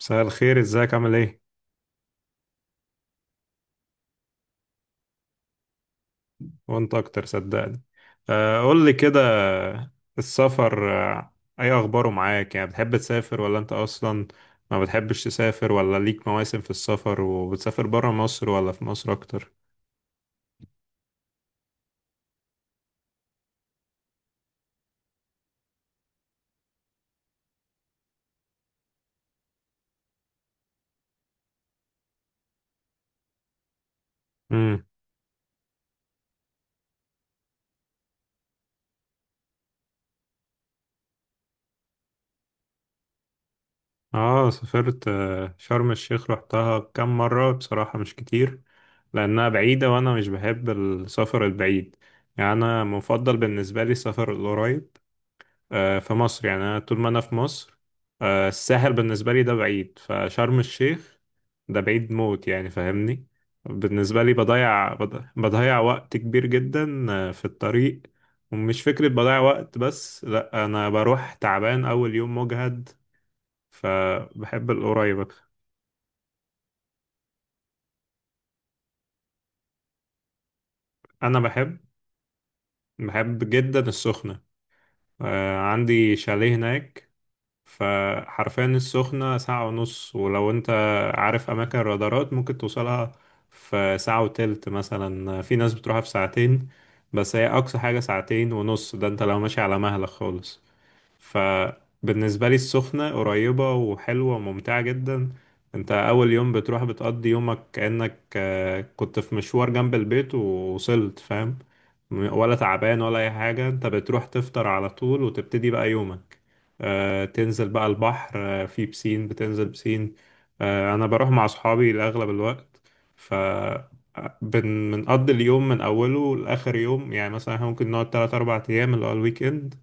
مساء الخير، ازيك عامل ايه؟ وانت اكتر صدقني. قول لي كده. السفر اي اخباره معاك؟ يعني بتحب تسافر ولا انت اصلا ما بتحبش تسافر؟ ولا ليك مواسم في السفر؟ وبتسافر برا مصر ولا في مصر اكتر؟ امم. اه، سافرت شرم الشيخ. رحتها كام مرة؟ بصراحة مش كتير، لانها بعيدة وانا مش بحب السفر البعيد. يعني انا مفضل بالنسبة لي السفر القريب في مصر. يعني أنا طول ما أنا في مصر، الساحل بالنسبة لي ده بعيد، فشرم الشيخ ده بعيد موت يعني، فاهمني؟ بالنسبة لي بضيع، بضيع وقت كبير جدا في الطريق. ومش فكرة بضيع وقت بس، لأ، أنا بروح تعبان أول يوم، مجهد. فبحب القريب أكتر. أنا بحب، بحب جدا السخنة. عندي شاليه هناك. فحرفيا السخنة ساعة ونص، ولو انت عارف أماكن الرادارات ممكن توصلها في ساعة وتلت، مثلا في ناس بتروحها في ساعتين. بس هي أقصى حاجة ساعتين ونص، ده انت لو ماشي على مهلك خالص. فبالنسبة لي السخنة قريبة وحلوة وممتعة جدا. انت اول يوم بتروح بتقضي يومك كأنك كنت في مشوار جنب البيت ووصلت، فاهم؟ ولا تعبان ولا اي حاجة. انت بتروح تفطر على طول وتبتدي بقى يومك. تنزل بقى البحر. في بسين، بتنزل بسين. انا بروح مع اصحابي لاغلب الوقت. ف آه، بنقضي اليوم من اوله لاخر يوم. يعني مثلا إحنا ممكن نقعد 3 4 ايام اللي هو الويك اند،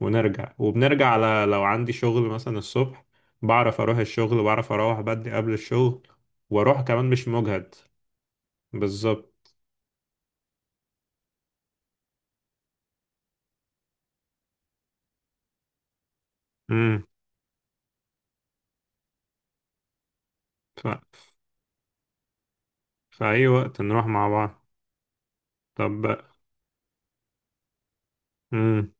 ونرجع. وبنرجع على لو عندي شغل مثلا الصبح، بعرف اروح الشغل، بعرف اروح بدري قبل الشغل، واروح كمان مش مجهد. بالظبط. امم. ف... في اي وقت نروح مع بعض. طب. امم.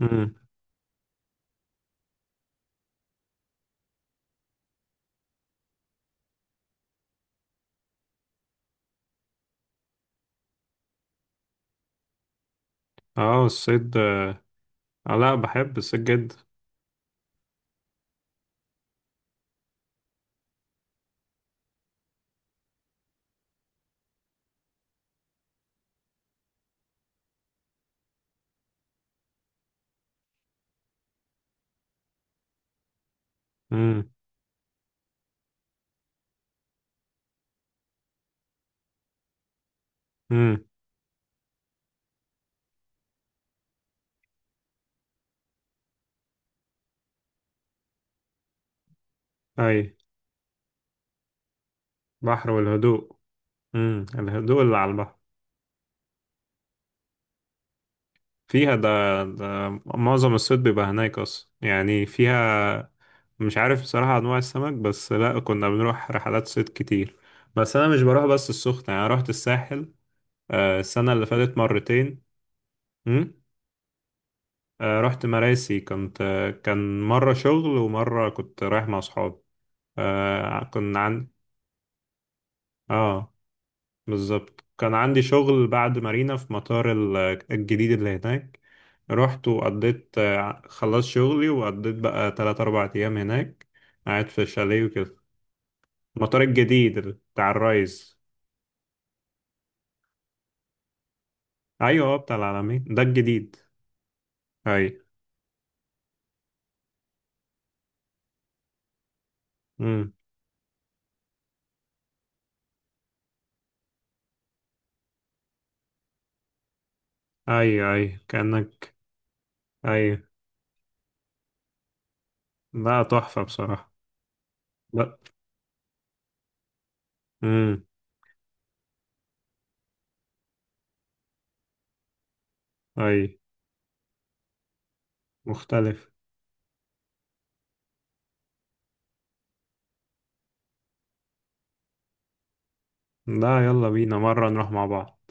امم. اه، الصيد آه. لا، بحب الصيد جدا. امم. امم. اي، بحر والهدوء. امم، الهدوء اللي على البحر. فيها ده، ده معظم الصيد بيبقى هناك أصلا يعني، فيها مش عارف بصراحة أنواع السمك، بس لأ، كنا بنروح رحلات صيد كتير. بس أنا مش بروح بس السخنة، يعني رحت الساحل السنة اللي فاتت مرتين. م? رحت مراسي، كنت كان مرة شغل ومرة كنت رايح مع أصحابي. كنا عن آه بالظبط. كان عندي شغل بعد مارينا في مطار الجديد اللي هناك. رحت وقضيت خلصت شغلي، وقضيت بقى تلات أربع أيام هناك قاعد في الشاليه وكده. المطار الجديد بتاع الرايز. أيوة، هو بتاع العالمين ده الجديد. أي. أمم. أي. أي كأنك. أي. لا، تحفة بصراحة. لا. أمم. أي. مختلف. لا، يلا بينا مرة نروح مع بعض.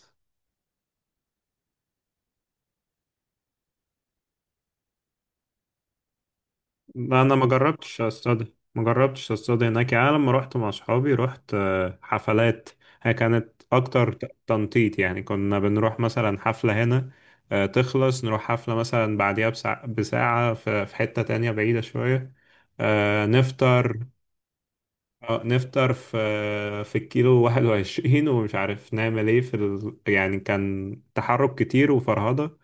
لا، انا ما جربتش اصطاد هناك. يعني أنا لما رحت مع اصحابي رحت حفلات. هي كانت اكتر تنطيط. يعني كنا بنروح مثلا حفلة هنا، تخلص نروح حفلة مثلا بعديها بساعة في حتة تانية بعيدة شوية. آه، نفطر نفطر في الكيلو 21، ومش عارف نعمل ايه يعني كان تحرك كتير وفرهضة.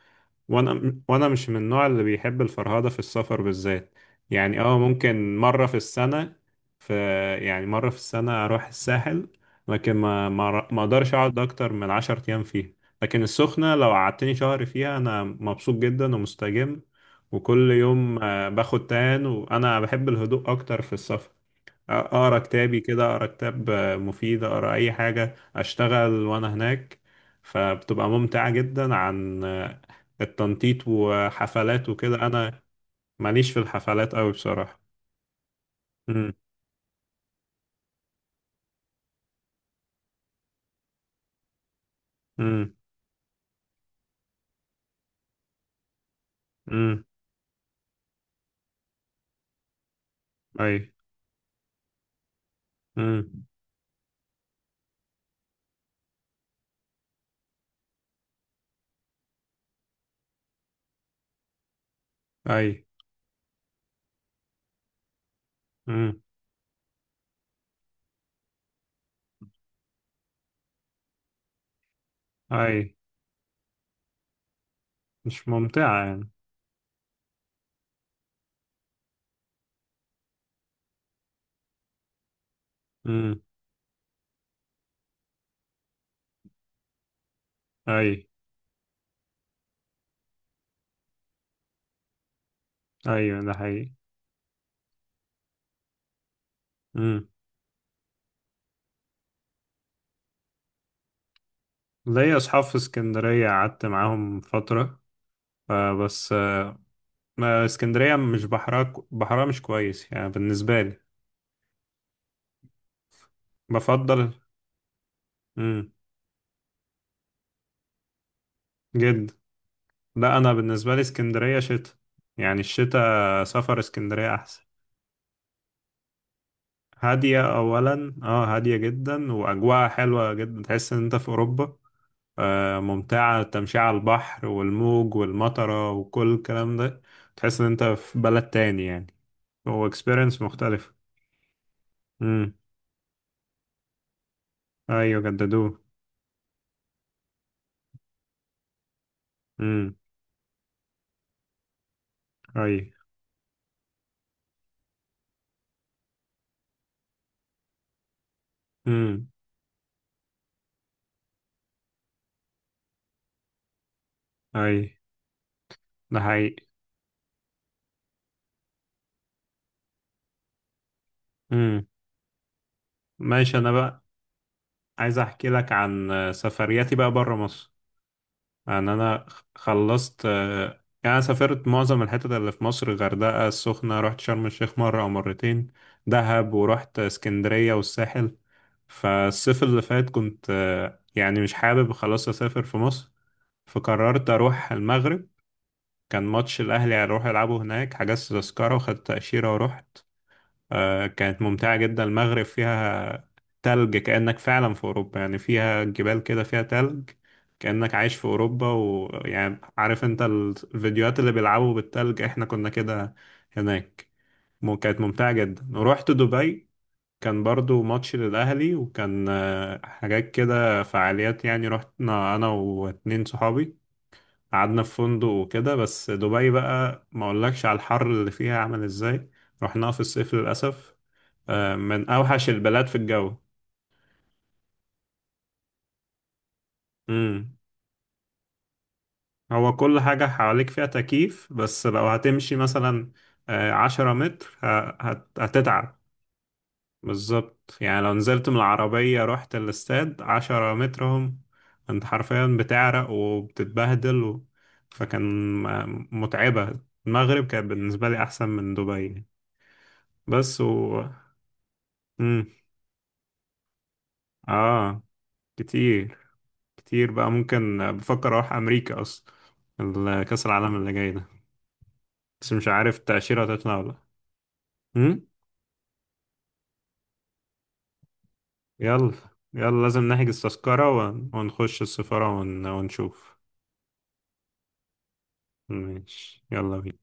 وانا مش من النوع اللي بيحب الفرهده في السفر بالذات. يعني اه ممكن مره في السنه، في يعني مره في السنه اروح الساحل. لكن ما اقدرش اقعد اكتر من 10 ايام فيها. لكن السخنه لو قعدتني شهر فيها انا مبسوط جدا ومستجم، وكل يوم باخد تان، وانا بحب الهدوء اكتر في السفر. اقرا كتابي كده، اقرا كتاب مفيد، اقرا اي حاجه، اشتغل وانا هناك. فبتبقى ممتعه جدا عن التنطيط وحفلات وكده. انا ماليش في الحفلات قوي بصراحه. امم. امم. امم. اي. امم. اي. امم. اي. مش ممتعه يعني. امم. اي. ايوه، ده حقيقي. امم. ليا اصحاب في اسكندريه قعدت معاهم فتره، بس ما اسكندرية مش بحرها مش كويس يعني بالنسبة لي. بفضل. امم. جد. لا، أنا بالنسبة لي اسكندرية شتاء. يعني الشتاء سفر اسكندرية أحسن. هادية أولا، اه، هادية جدا وأجواءها حلوة جدا، تحس إن أنت في أوروبا. ممتعة التمشية على البحر والموج والمطرة وكل الكلام ده. تحس إن أنت في بلد تاني يعني. هو اكسبيرينس مختلف. امم. أيوة، جددوه. امم. أي. امم. أي. ده حقيقي. مم. ماشي، انا بقى عايز احكي لك عن سفرياتي بقى بره مصر. يعني انا خلصت يعني، انا سافرت معظم الحتت اللي في مصر: غردقة، السخنة، رحت شرم الشيخ مرة او مرتين، دهب، ورحت اسكندرية والساحل. فالصيف اللي فات كنت يعني مش حابب خلاص اسافر في مصر، فقررت اروح المغرب. كان ماتش الاهلي هيروح يلعبوا هناك، حجزت تذكرة وخدت تأشيرة ورحت. كانت ممتعة جدا، المغرب فيها تلج كأنك فعلا في أوروبا، يعني فيها جبال كده، فيها تلج كأنك عايش في أوروبا. ويعني عارف أنت الفيديوهات اللي بيلعبوا بالتلج؟ إحنا كنا كده هناك. كانت ممتعة جدا. ورحت دبي، كان برضو ماتش للأهلي، وكان حاجات كده فعاليات. يعني رحنا أنا واتنين صحابي، قعدنا في فندق وكده. بس دبي بقى، ما أقولكش على الحر اللي فيها عامل إزاي! رحناها في الصيف للأسف. من أوحش البلاد في الجو. هو كل حاجة حواليك فيها تكييف، بس لو هتمشي مثلا 10 متر هتتعب. بالظبط، يعني لو نزلت من العربية رحت الاستاد عشرة مترهم، انت حرفيا بتعرق وبتتبهدل فكان متعبة. المغرب كانت بالنسبة لي أحسن من دبي. بس و مم. آه كتير. كتير بقى، ممكن بفكر أروح أمريكا أصلا، كأس العالم اللي جاي ده. بس مش عارف التأشيرة هتطلع ولا لأ. يلا، يلا لازم نحجز تذكرة ونخش السفارة ونشوف. ماشي، يلا بينا.